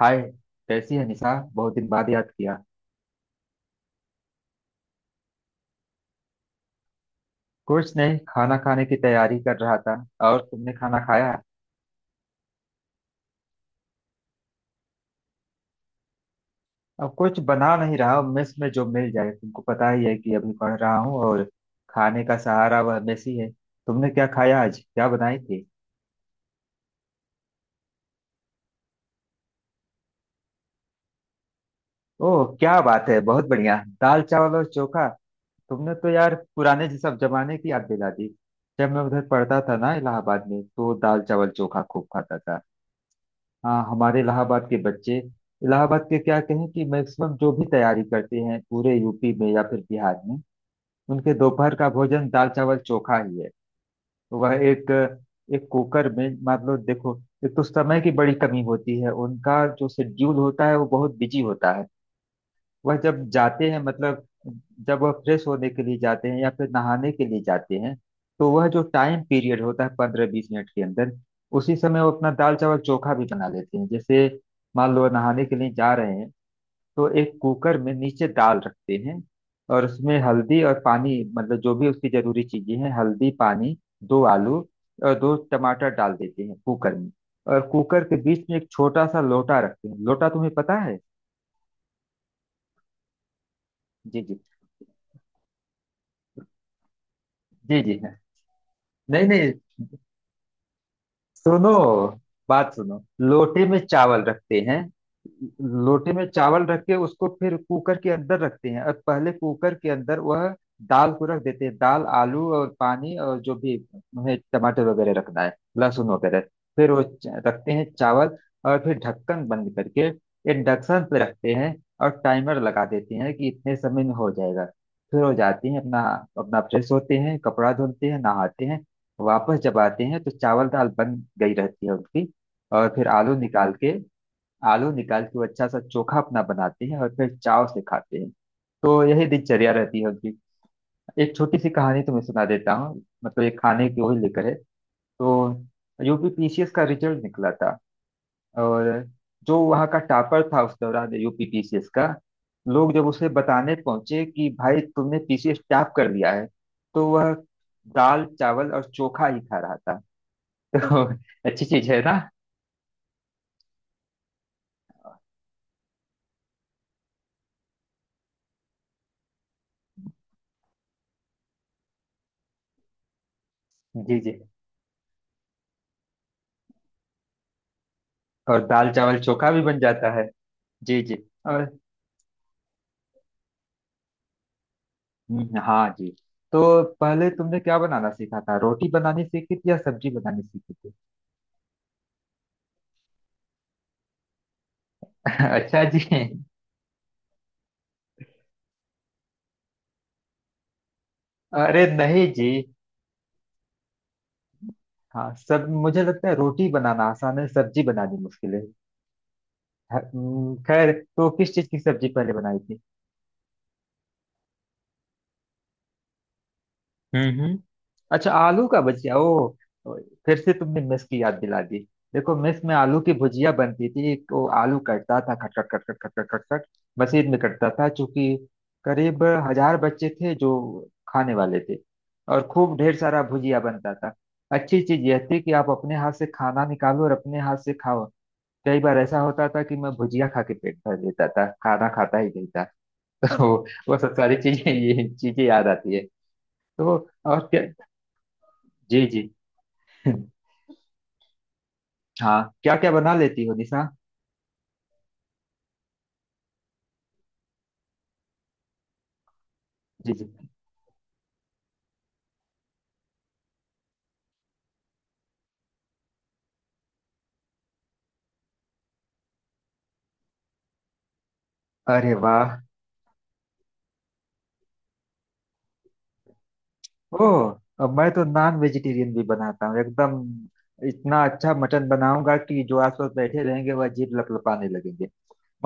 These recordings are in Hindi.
हाय। कैसी है निशा? बहुत दिन बाद याद किया। कुछ नहीं, खाना खाने की तैयारी कर रहा था। और तुमने खाना खाया? अब कुछ बना नहीं रहा हूँ, मेस में जो मिल जाए। तुमको पता ही है कि अभी पढ़ रहा हूँ और खाने का सहारा वह मेस ही है। तुमने क्या खाया? आज क्या बनाई थी? ओह क्या बात है! बहुत बढ़िया। दाल चावल और चोखा। तुमने तो यार पुराने सब जमाने की याद दिला दी। जब मैं उधर पढ़ता था ना, इलाहाबाद में, तो दाल चावल चोखा खूब खाता था। हाँ, हमारे इलाहाबाद के बच्चे, इलाहाबाद के क्या कहें, कि मैक्सिमम जो भी तैयारी करते हैं पूरे यूपी में या फिर बिहार में, उनके दोपहर का भोजन दाल चावल चोखा ही है। तो वह एक एक कुकर में, मान लो, देखो। एक तो समय की बड़ी कमी होती है, उनका जो शेड्यूल होता है वो बहुत बिजी होता है। वह जब जाते हैं, मतलब, जब वह फ्रेश होने के लिए जाते हैं या फिर नहाने के लिए जाते हैं, तो वह जो टाइम पीरियड होता है 15-20 मिनट के अंदर, उसी समय वो अपना दाल चावल चोखा भी बना लेते हैं। जैसे, मान लो नहाने के लिए जा रहे हैं, तो एक कुकर में नीचे दाल रखते हैं, और उसमें हल्दी और पानी, मतलब जो भी उसकी जरूरी चीजें हैं, हल्दी पानी, दो आलू और दो टमाटर डाल देते हैं कुकर में। और कुकर के बीच में एक छोटा सा लोटा रखते हैं। लोटा तुम्हें पता है? जी जी। जी जी हाँ। नहीं नहीं, सुनो, बात सुनो। लोटे में चावल रखते हैं। लोटे में चावल रख के उसको फिर कुकर के अंदर रखते हैं, और पहले कुकर के अंदर वह दाल को रख देते हैं। दाल, आलू और पानी, और जो भी उन्हें टमाटर वगैरह रखना है, लहसुन वगैरह। फिर वो रखते हैं चावल। और फिर ढक्कन बंद करके इंडक्शन पे रखते हैं, और टाइमर लगा देते हैं कि इतने समय में हो जाएगा। फिर हो जाती हैं अपना। अपना फ्रेश होते हैं, कपड़ा धुलते हैं, नहाते हैं। वापस जब आते हैं तो चावल दाल बन गई रहती है उनकी। और फिर आलू निकाल के, आलू निकाल के वो अच्छा सा चोखा अपना बनाते हैं, और फिर चाव से खाते हैं। तो यही दिनचर्या रहती है उनकी। एक छोटी सी कहानी तुम्हें सुना देता हूँ, मतलब ये खाने की वही लेकर है। तो यूपीपीसीएस का रिजल्ट निकला था। और जो वहाँ का टॉपर था उस दौरान यूपीपीसीएस का, लोग जब उसे बताने पहुंचे कि भाई तुमने पीसीएस टॉप कर लिया है, तो वह दाल चावल और चोखा ही खा रहा था। तो अच्छी चीज है ना। जी जी। और दाल चावल चोखा भी बन जाता है। जी जी। और हाँ जी। तो पहले तुमने क्या बनाना सीखा था? रोटी बनानी सीखी थी या सब्जी बनानी सीखी थी? अच्छा जी। अरे नहीं जी। हाँ सब, मुझे लगता है रोटी बनाना आसान है, सब्जी बनानी मुश्किल है। खैर, तो किस चीज की सब्जी पहले बनाई थी? हम्म हम्म। अच्छा, आलू का भुजिया। ओ। ओ, फिर से तुमने मेस की याद दिला दी। देखो, मेस में आलू की भुजिया बनती थी। एक वो आलू कटता था, खट खट खट खट खट खट खट खट। मशीन में कटता था, चूंकि करीब 1000 बच्चे थे जो खाने वाले थे। और खूब ढेर सारा भुजिया बनता था। अच्छी चीज यह थी कि आप अपने हाथ से खाना निकालो और अपने हाथ से खाओ। कई बार ऐसा होता था कि मैं भुजिया खा के पेट भर लेता था, खाना खाता ही नहीं था। तो वो सब सारी चीजें, ये चीजें याद आती है। तो और क्या। जी जी। हाँ, क्या क्या बना लेती हो निशा? जी जी। अरे वाह। ओ, अब मैं तो नॉन वेजिटेरियन भी बनाता हूँ एकदम। इतना अच्छा मटन बनाऊंगा कि जो आसपास बैठे रहेंगे वह जीभ लपलपाने लगेंगे।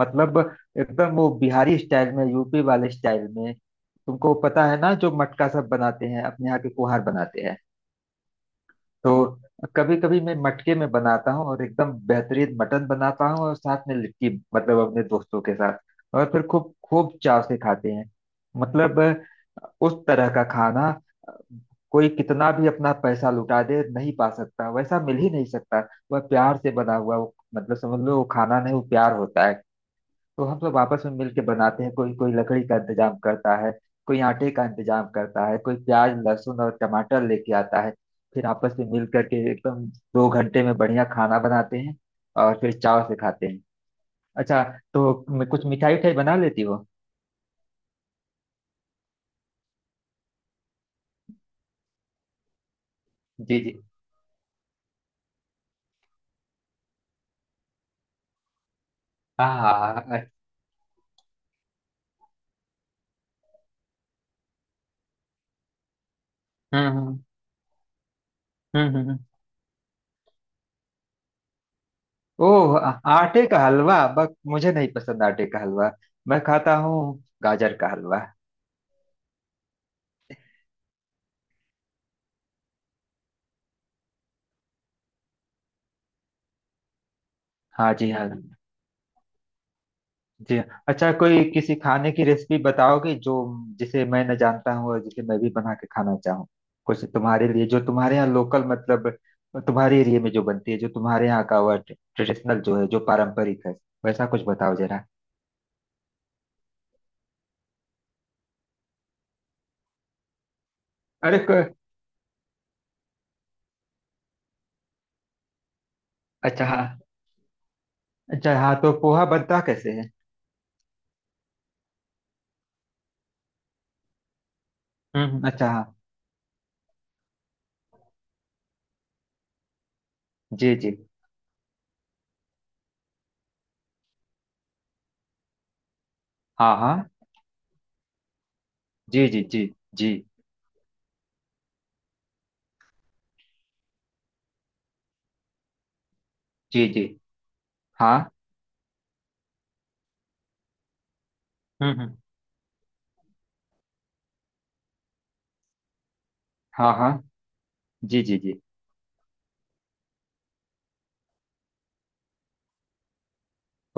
मतलब एकदम वो बिहारी स्टाइल में, यूपी वाले स्टाइल में, तुमको पता है ना, जो मटका सब बनाते हैं अपने यहाँ के, कुहार बनाते हैं। तो कभी कभी मैं मटके में बनाता हूँ और एकदम बेहतरीन मटन बनाता हूँ, और साथ में लिट्टी। मतलब अपने दोस्तों के साथ। और फिर खूब खूब चाव से खाते हैं। मतलब उस तरह का खाना। अ, कोई कितना भी अपना पैसा लुटा दे, नहीं पा सकता, वैसा मिल ही नहीं सकता। वह प्यार से बना हुआ, वो मतलब, समझ लो, वो खाना नहीं, वो प्यार होता है। तो हम सब आपस में मिलके बनाते हैं। कोई कोई लकड़ी का इंतजाम करता है, कोई आटे का इंतजाम करता है, कोई प्याज लहसुन और टमाटर लेके आता है। फिर आपस में मिल करके एकदम 2 घंटे में बढ़िया खाना बनाते हैं, और फिर चाव से खाते हैं। अच्छा, तो कुछ मिठाई उठाई बना लेती हो? जी जी। हाँ हाँ हाँ, अच्छा। हम्म। हम्म हम्म, हम्म। ओह, आटे का हलवा, बस मुझे नहीं पसंद आटे का हलवा। मैं खाता हूँ गाजर का हलवा। हाँ जी, हाँ जी। अच्छा, कोई किसी खाने की रेसिपी बताओगे जो जिसे मैं न जानता हूँ और जिसे मैं भी बना के खाना चाहूँ? कुछ तुम्हारे लिए, जो तुम्हारे यहाँ लोकल, मतलब तुम्हारे एरिया में जो बनती है, जो तुम्हारे यहाँ का वह ट्रेडिशनल जो है, जो पारंपरिक है, वैसा कुछ बताओ जरा। अरे। अच्छा हाँ। अच्छा हाँ, तो पोहा बनता कैसे है? अच्छा हाँ। जी जी। हाँ हाँ। जी जी। जी जी। जी जी। हाँ। हम्म हम्म, हाँ हाँ। जी जी जी।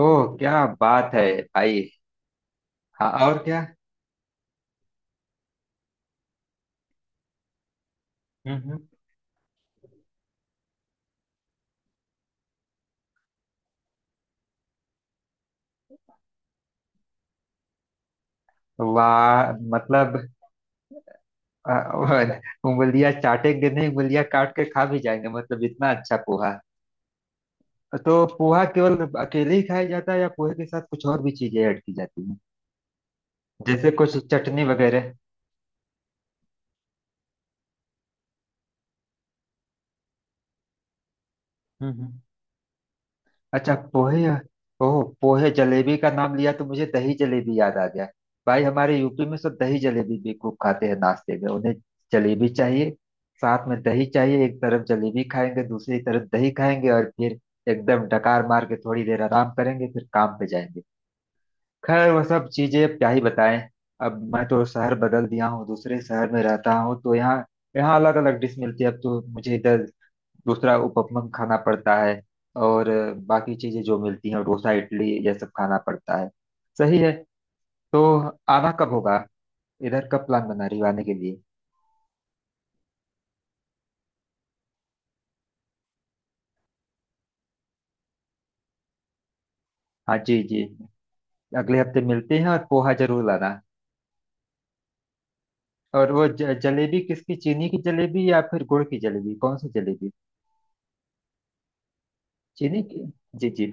ओह क्या बात है भाई! हाँ, और क्या। हम्म। वाह मतलब। अ, उंगलियां चाटेंगे नहीं, उंगलियां काट के खा भी जाएंगे, मतलब इतना अच्छा पोहा। तो पोहा केवल अकेले ही खाया जाता है, या पोहे के साथ कुछ और भी चीजें ऐड की जाती हैं? जैसे कुछ चटनी वगैरह? हम्म। अच्छा, पोहे। ओह, पोहे जलेबी का नाम लिया तो मुझे दही जलेबी याद आ गया। भाई, हमारे यूपी में सब दही जलेबी भी खूब खाते हैं नाश्ते में, उन्हें जलेबी चाहिए, साथ में दही चाहिए। एक तरफ जलेबी खाएंगे, दूसरी तरफ दही खाएंगे, और फिर एकदम डकार मार के थोड़ी देर आराम करेंगे, फिर काम पे जाएंगे। खैर, वह सब चीजें अब क्या ही बताएं। अब मैं तो शहर बदल दिया हूँ, दूसरे शहर में रहता हूँ, तो यहाँ यहाँ अलग अलग डिश मिलती है। अब तो मुझे इधर दूसरा उपमन खाना पड़ता है, और बाकी चीजें जो मिलती हैं, डोसा, इडली, ये सब खाना पड़ता है। सही है। तो आना कब होगा? इधर कब प्लान बना रही हो आने के लिए? हाँ जी जी। अगले हफ्ते मिलते हैं, और पोहा जरूर लाना। और वो जलेबी किसकी, चीनी की जलेबी या फिर गुड़ की जलेबी, कौन सी जलेबी? चीनी की। जी जी।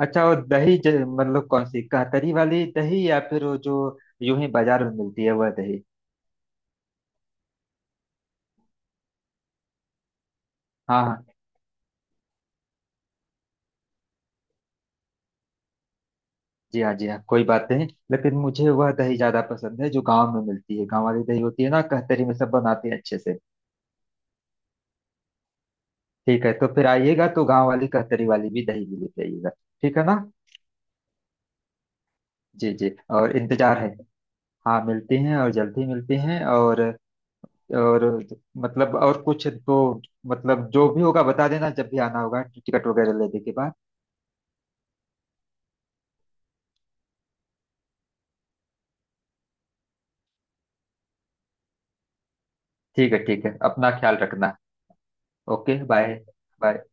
अच्छा, और दही, मतलब कौन सी, कातरी वाली दही या फिर वो जो यूं ही बाजार में मिलती है वह दही? हाँ हाँ। जी हाँ, जी हाँ। कोई बात नहीं, लेकिन मुझे वह दही ज्यादा पसंद है जो गांव में मिलती है। गांव वाली दही होती है ना, कहतरी में सब बनाते हैं अच्छे से। ठीक है, तो फिर आइएगा तो गांव वाली कहतरी वाली भी दही भी लेते आइएगा। ठीक है ना? जी जी। और इंतजार है। हाँ, मिलते हैं और जल्दी मिलते हैं। और मतलब, और कुछ तो, मतलब जो भी होगा बता देना, जब भी आना होगा, टिकट वगैरह लेने के बाद। ठीक है, ठीक है, अपना ख्याल रखना। Okay bye. बाय।